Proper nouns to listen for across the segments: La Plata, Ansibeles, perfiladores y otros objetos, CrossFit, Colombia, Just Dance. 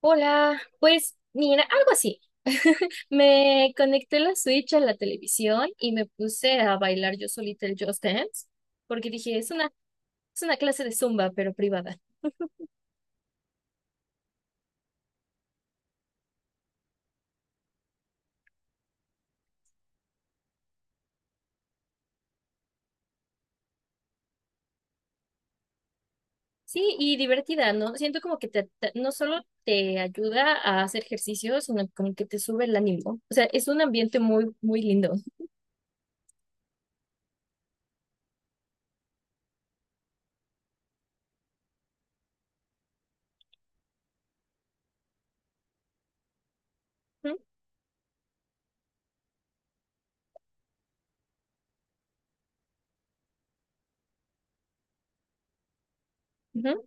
Hola, pues mira, algo así. Me conecté la Switch a la televisión y me puse a bailar yo solita el Just Dance, porque dije, es una clase de zumba, pero privada. Sí, y divertida, ¿no? Siento como que no solo te ayuda a hacer ejercicio, sino como que te sube el ánimo. O sea, es un ambiente muy lindo. ¿Mm? Ujú.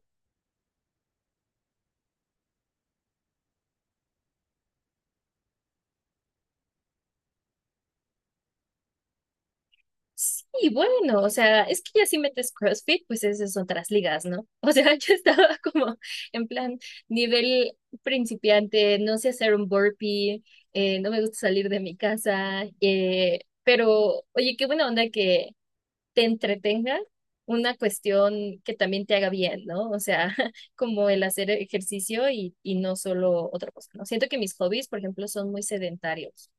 Sí, bueno, o sea, es que ya si metes CrossFit, pues esas son otras ligas, ¿no? O sea, yo estaba como en plan nivel principiante, no sé hacer un burpee, no me gusta salir de mi casa, pero oye, qué buena onda que te entretenga una cuestión que también te haga bien, ¿no? O sea, como el hacer ejercicio y, no solo otra cosa, ¿no? Siento que mis hobbies, por ejemplo, son muy sedentarios.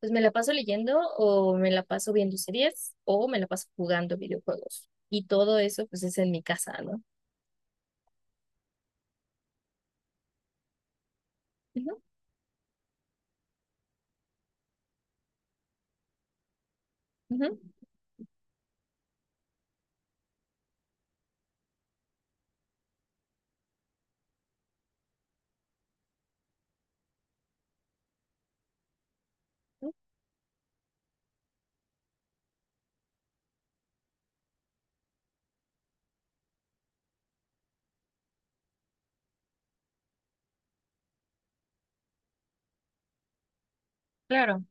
Pues me la paso leyendo o me la paso viendo series o me la paso jugando videojuegos. Y todo eso pues es en mi casa, ¿no? Ujú, ujú, ujú, claro.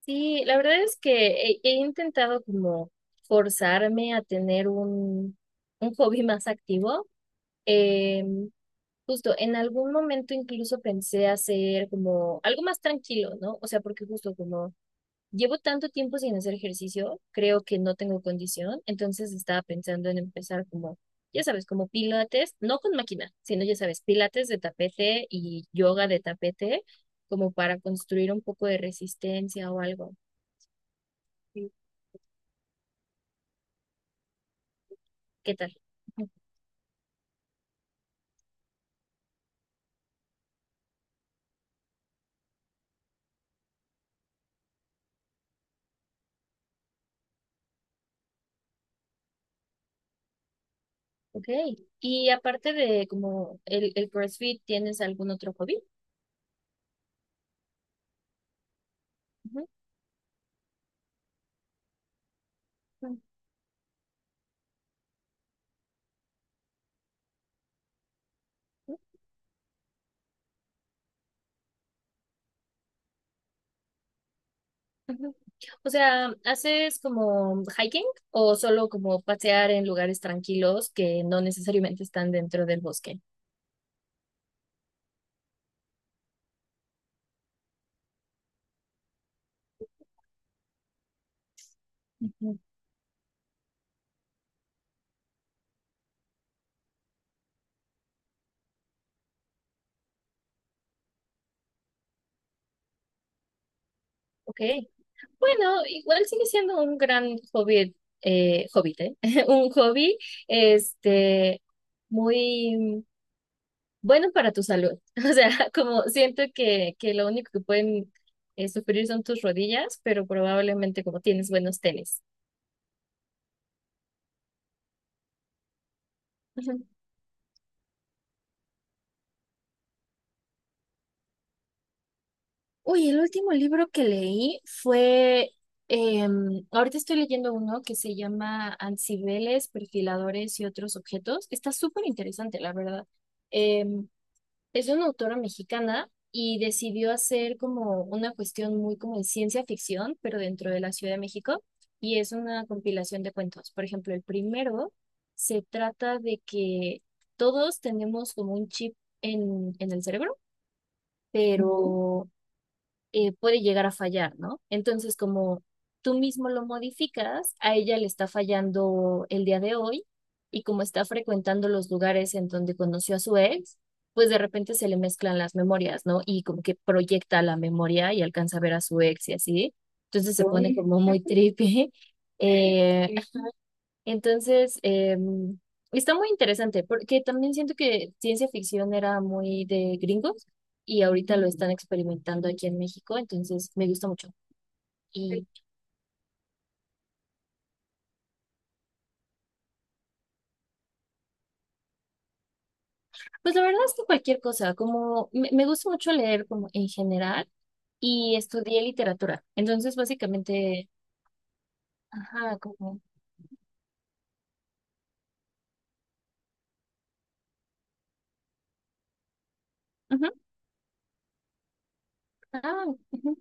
Sí, la verdad es que he intentado como forzarme a tener un hobby más activo. Eh, Justo en algún momento incluso pensé hacer como algo más tranquilo, ¿no? O sea, porque justo como llevo tanto tiempo sin hacer ejercicio, creo que no tengo condición, entonces estaba pensando en empezar como, ya sabes, como pilates, no con máquina, sino ya sabes, pilates de tapete y yoga de tapete, como para construir un poco de resistencia o algo. Sí. ¿Qué tal? Ujú. Ok. Y aparte de el CrossFit, ¿tienes algún otro hobby? Ujú. Ujú. O sea, ¿haces como hiking o solo como pasear en lugares tranquilos que no necesariamente están dentro del bosque? Ujú. Ok. Bueno, igual sigue siendo un gran hobby, hobbit, ¿eh? Un hobby, este, muy bueno para tu salud. O sea, como siento que lo único que pueden sufrir son tus rodillas, pero probablemente como tienes buenos tenis. Uy, el último libro que leí fue, ahorita estoy leyendo uno que se llama Ansibeles, perfiladores y otros objetos. Está súper interesante, la verdad. Em, es una autora mexicana y decidió hacer como una cuestión muy como de ciencia ficción, pero dentro de la Ciudad de México. Y es una compilación de cuentos. Por ejemplo, el primero se trata de que todos tenemos como un chip en el cerebro. Ujú. Pero puede llegar a fallar, ¿no? Entonces, como tú mismo lo modificas, a ella le está fallando el día de hoy y como está frecuentando los lugares en donde conoció a su ex, pues de repente se le mezclan las memorias, ¿no? Y como que proyecta la memoria y alcanza a ver a su ex y así. Entonces se pone Uy. Como muy trippy. Eh, entonces, está muy interesante porque también siento que ciencia ficción era muy de gringos y ahorita lo están experimentando aquí en México, entonces me gusta mucho. Y pues la verdad es que cualquier cosa, como me gusta mucho leer como en general y estudié literatura. Entonces, básicamente, ajá, como... ujú, ah, ujú.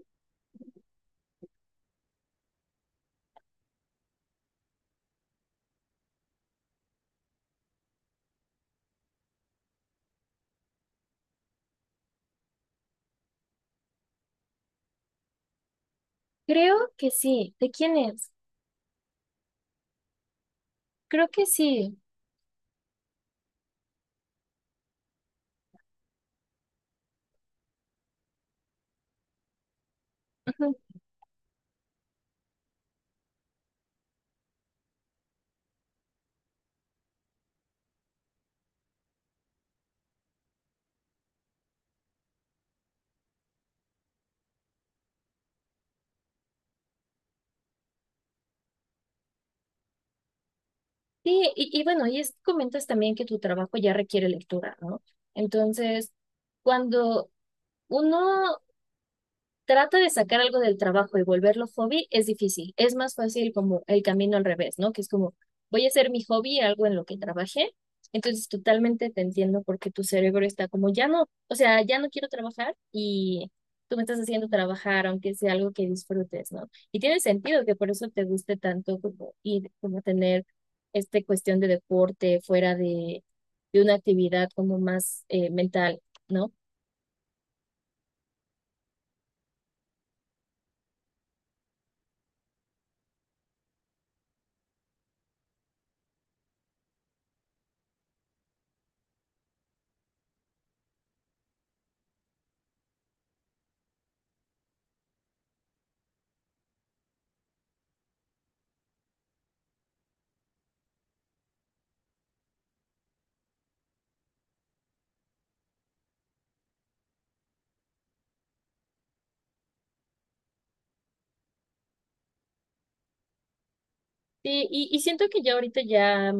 Creo que sí. ¿De quién es? Creo que sí. Sí, bueno, y es, comentas también que tu trabajo ya requiere lectura, ¿no? Entonces, cuando uno trata de sacar algo del trabajo y volverlo hobby es difícil. Es más fácil como el camino al revés, ¿no? Que es como, voy a hacer mi hobby algo en lo que trabajé. Entonces, totalmente te entiendo porque tu cerebro está como, ya no, o sea, ya no quiero trabajar y tú me estás haciendo trabajar, aunque sea algo que disfrutes, ¿no? Y tiene sentido que por eso te guste tanto como ir, como tener esta cuestión de deporte fuera de una actividad como más mental, ¿no? Siento que ya ahorita ya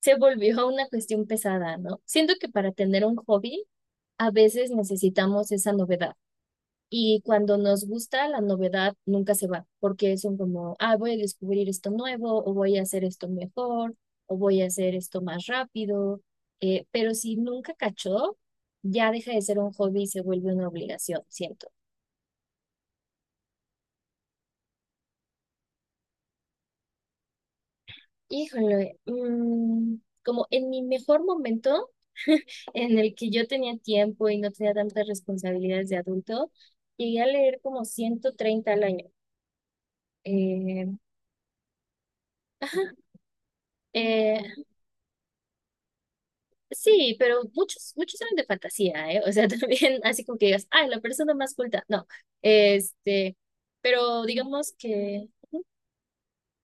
se volvió una cuestión pesada, ¿no? Siento que para tener un hobby a veces necesitamos esa novedad y cuando nos gusta la novedad nunca se va porque son como, ah, voy a descubrir esto nuevo o voy a hacer esto mejor o voy a hacer esto más rápido, pero si nunca cachó, ya deja de ser un hobby y se vuelve una obligación, siento. Híjole, como en mi mejor momento, en el que yo tenía tiempo y no tenía tantas responsabilidades de adulto, llegué a leer como 130 al año. Eh, ajá, eh, sí, pero muchos eran de fantasía, ¿eh? O sea, también así como que digas, ay, la persona más culta. No, este, pero digamos que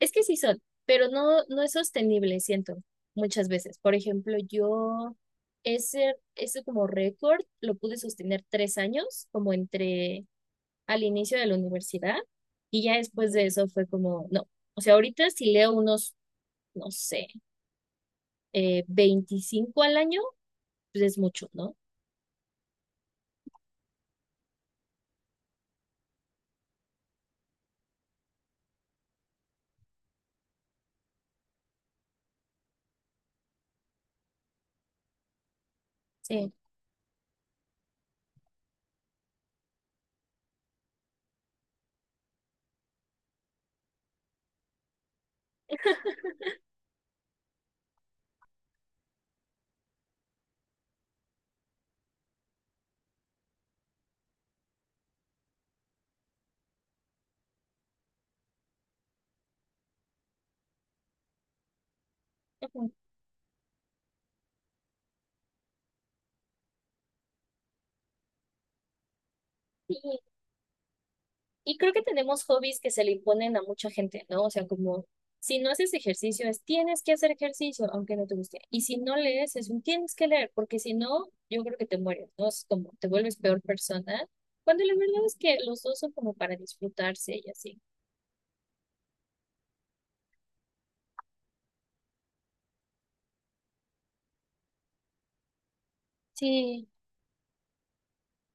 es que sí son, pero no es sostenible, siento, muchas veces. Por ejemplo, yo ese como récord lo pude sostener 3 años, como entre al inicio de la universidad, y ya después de eso fue como, no, o sea, ahorita si leo unos, no sé, 25 al año, pues es mucho, ¿no? Sí. Ujú. Sí. Y creo que tenemos hobbies que se le imponen a mucha gente, ¿no? O sea, como si no haces ejercicio, es tienes que hacer ejercicio, aunque no te guste. Y si no lees, es un tienes que leer, porque si no, yo creo que te mueres, ¿no? Es como te vuelves peor persona, cuando la verdad es que los dos son como para disfrutarse y así. Sí,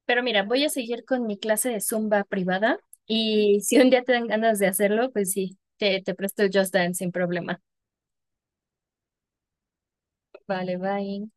pero mira, voy a seguir con mi clase de Zumba privada y si un día te dan ganas de hacerlo, pues sí, te presto el Just Dance sin problema. Vale, bye.